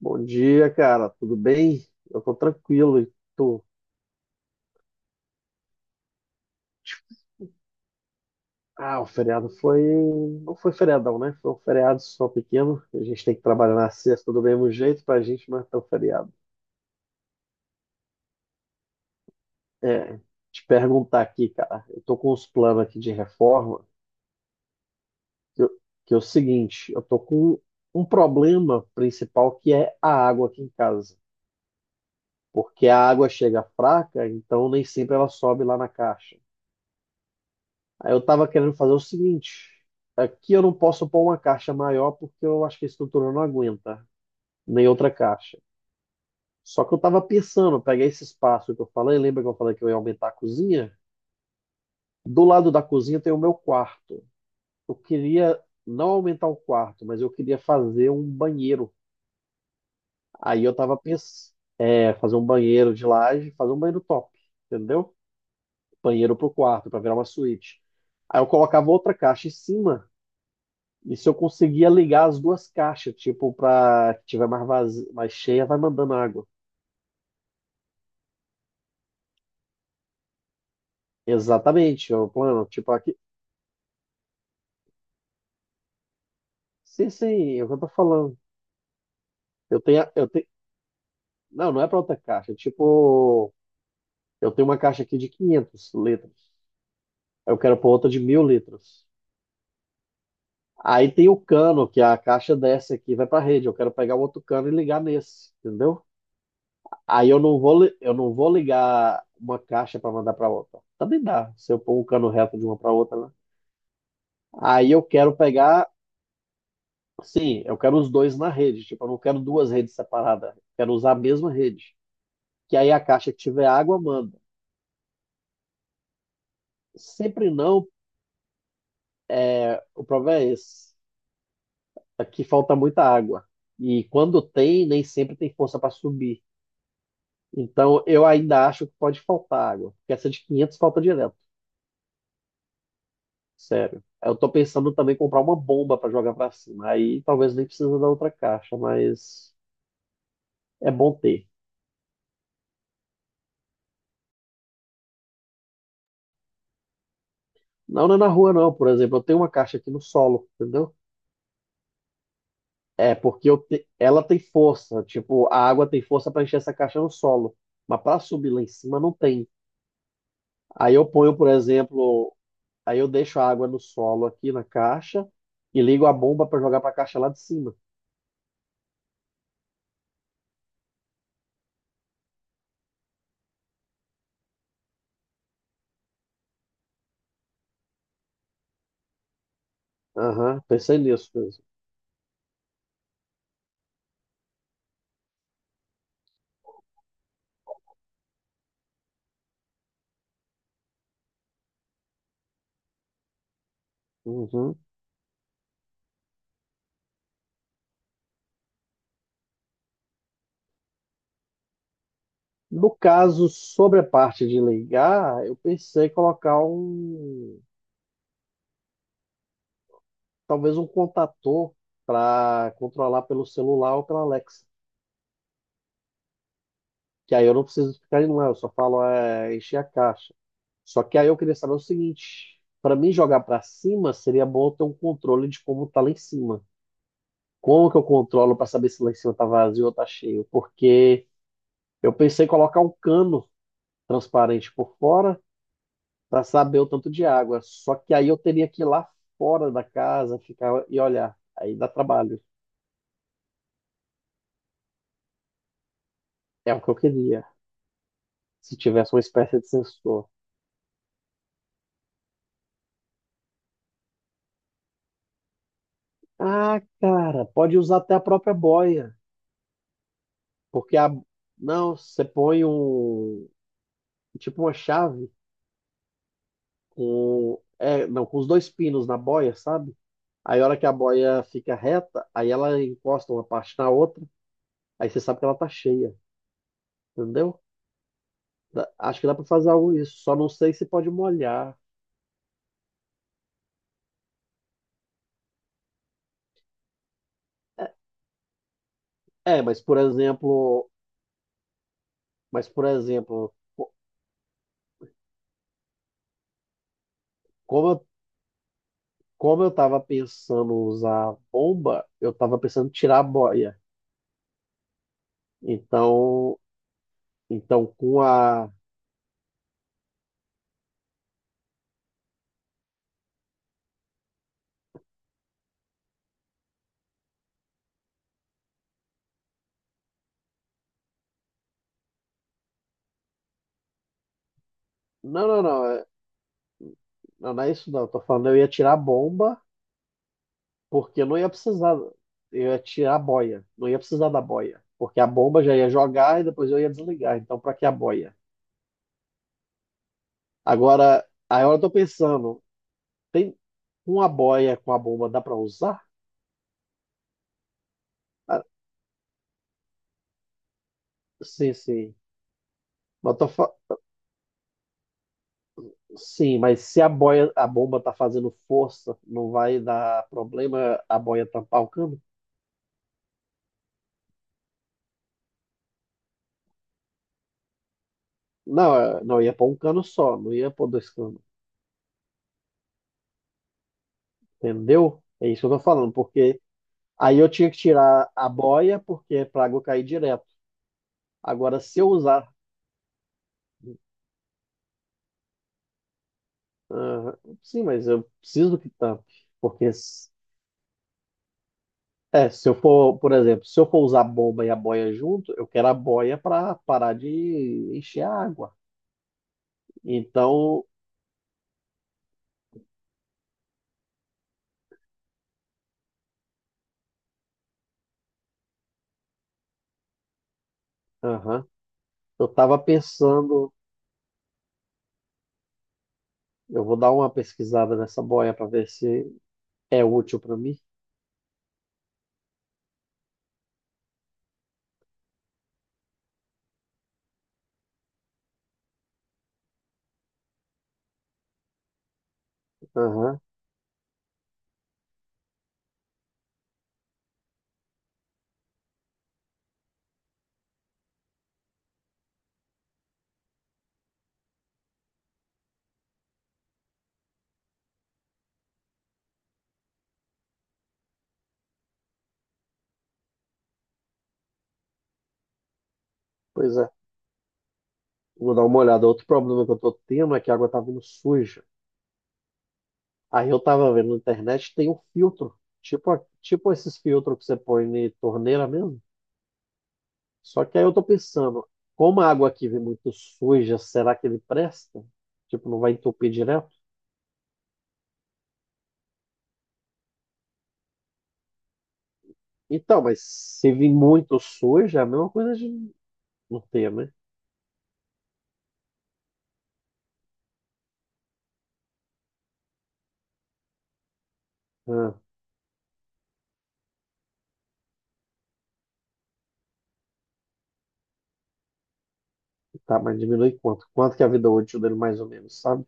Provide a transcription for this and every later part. Bom dia, cara. Tudo bem? Eu tô tranquilo e tu? Ah, o feriado foi. Não foi feriadão, né? Foi um feriado só pequeno. A gente tem que trabalhar na sexta do mesmo jeito pra gente matar o feriado. É, te perguntar aqui, cara. Eu tô com uns planos aqui de reforma, que, que é o seguinte: eu tô com um problema principal que é a água aqui em casa. Porque a água chega fraca, então nem sempre ela sobe lá na caixa. Aí eu tava querendo fazer o seguinte: aqui eu não posso pôr uma caixa maior porque eu acho que a estrutura não aguenta, nem outra caixa. Só que eu tava pensando, eu peguei esse espaço que eu falei, lembra que eu falei que eu ia aumentar a cozinha? Do lado da cozinha tem o meu quarto. Eu queria não aumentar o quarto, mas eu queria fazer um banheiro. Aí eu tava pensando, fazer um banheiro de laje, fazer um banheiro top, entendeu? Banheiro pro quarto, para virar uma suíte. Aí eu colocava outra caixa em cima. E se eu conseguia ligar as duas caixas, tipo, pra que tiver mais, mais cheia, vai mandando água. Exatamente, é o plano. Tipo, aqui. Sim, sim, é o que eu tô falando. Eu tenho... Não, não é pra outra caixa. É tipo, eu tenho uma caixa aqui de 500 litros. Eu quero pôr outra de 1.000 litros. Aí tem o cano, que a caixa desce aqui, e vai pra rede. Eu quero pegar o outro cano e ligar nesse, entendeu? Aí eu não vou, li- eu não vou ligar uma caixa para mandar para outra. Também dá, se eu pôr um cano reto de uma para outra, né? Aí eu quero pegar, sim, eu quero os dois na rede. Tipo, eu não quero duas redes separadas. Quero usar a mesma rede. Que aí a caixa que tiver água manda. Sempre não, é, o problema é esse. Aqui falta muita água. E quando tem, nem sempre tem força para subir. Então eu ainda acho que pode faltar água. Porque essa de 500 falta direto. Sério. Eu tô pensando também em comprar uma bomba para jogar para cima. Aí talvez nem precisa da outra caixa, mas é bom ter. Não, não é na rua, não. Por exemplo, eu tenho uma caixa aqui no solo, entendeu? É, porque ela tem força. Tipo, a água tem força para encher essa caixa no solo. Mas para subir lá em cima não tem. Aí eu ponho, por exemplo, aí eu deixo a água no solo aqui na caixa e ligo a bomba para jogar para a caixa lá de cima. Aham, pensei nisso mesmo. Uhum. No caso, sobre a parte de ligar, eu pensei em colocar um, talvez um contator para controlar pelo celular ou pela Alexa. Que aí eu não preciso ficar indo lá, eu só falo encher a caixa. Só que aí eu queria saber o seguinte: para mim jogar para cima, seria bom eu ter um controle de como tá lá em cima. Como que eu controlo para saber se lá em cima tá vazio ou tá cheio? Porque eu pensei em colocar um cano transparente por fora para saber o tanto de água. Só que aí eu teria que ir lá fora da casa, ficar e olhar. Aí dá trabalho. É o que eu queria. Se tivesse uma espécie de sensor. Ah, cara, pode usar até a própria boia. Porque a. Não, você põe um. Tipo uma chave com. É, não, com os dois pinos na boia, sabe? Aí a hora que a boia fica reta, aí ela encosta uma parte na outra, aí você sabe que ela tá cheia, entendeu? Dá- acho que dá pra fazer algo isso, só não sei se pode molhar. É, mas por exemplo, mas por exemplo, co- como eu, como eu tava pensando usar bomba, eu tava pensando em tirar a boia. Então, então com a Não, não, não. Não, não é isso não. Eu tô falando, eu ia tirar a bomba, porque eu não ia precisar. Eu ia tirar a boia. Não ia precisar da boia. Porque a bomba já ia jogar e depois eu ia desligar. Então, pra que a boia? Agora, aí eu tô pensando, tem uma boia com a bomba, dá pra usar? Ah, sim, sim. Mas eu tô fa- Sim, mas se a boia, a bomba tá fazendo força, não vai dar problema a boia tampar o cano? Não, eu ia pôr um cano só, não ia pôr dois canos. Entendeu? É isso que eu tô falando, porque. Aí eu tinha que tirar a boia, porque é para a água cair direto. Agora, se eu usar. Ah, sim, mas eu preciso que tampe. Porque, s- se eu for, por exemplo, se eu for usar a bomba e a boia junto, eu quero a boia para parar de encher a água. Então, aham, eu estava pensando. Eu vou dar uma pesquisada nessa boia para ver se é útil para mim. Aham, pois é. Vou dar uma olhada. Outro problema que eu estou tendo é que a água está vindo suja. Aí eu tava vendo na internet, tem um filtro, tipo, tipo esses filtros que você põe na torneira mesmo. Só que aí eu tô pensando, como a água aqui vem muito suja, será que ele presta? Tipo, não vai entupir direto? Então, mas se vir muito suja, é a mesma coisa de não ter, né? Ah, tá, mas diminui quanto? Quanto que é a vida útil dele mais ou menos, sabe?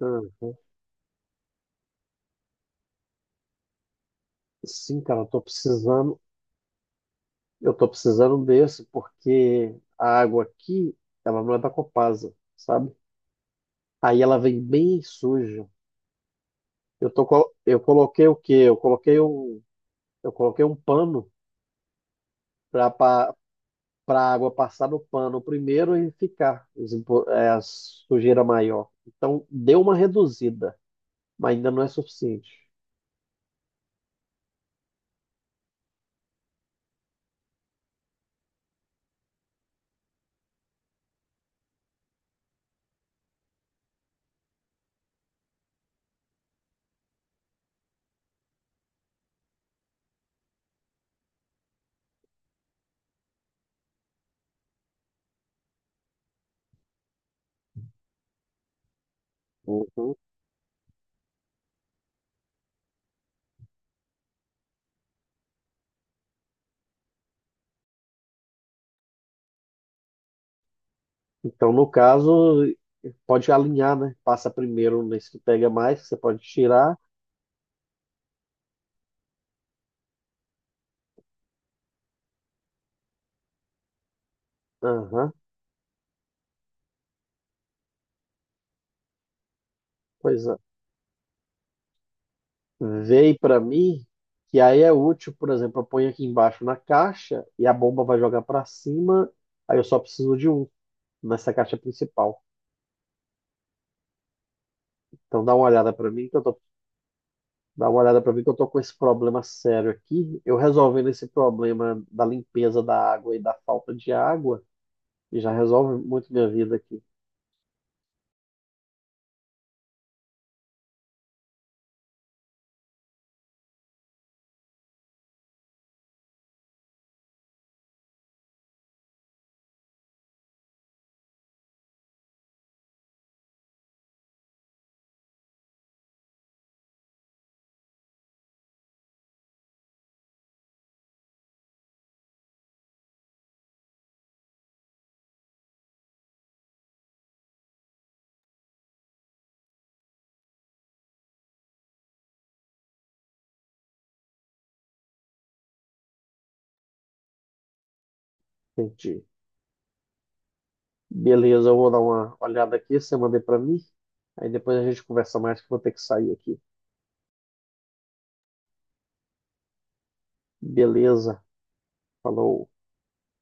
Aham. Sim, cara, eu tô precisando desse, porque a água aqui, ela não é da Copasa, sabe? Aí ela vem bem suja. Eu coloquei o quê? Eu coloquei um pano para para água passar no pano primeiro e ficar a sujeira maior. Então deu uma reduzida, mas ainda não é suficiente. Uhum. Então no caso pode alinhar, né? Passa primeiro nesse que pega mais, que você pode tirar. Aham, pois é. Veio para mim, que aí é útil, por exemplo, eu ponho aqui embaixo na caixa e a bomba vai jogar para cima, aí eu só preciso de um nessa caixa principal. Então dá uma olhada para mim que eu tô, dá uma olhada para mim que eu tô com esse problema sério aqui. Eu resolvendo esse problema da limpeza da água e da falta de água, já resolve muito minha vida aqui. Entendi. Beleza, eu vou dar uma olhada aqui, você mandei para mim. Aí depois a gente conversa mais que eu vou ter que sair aqui. Beleza. Falou.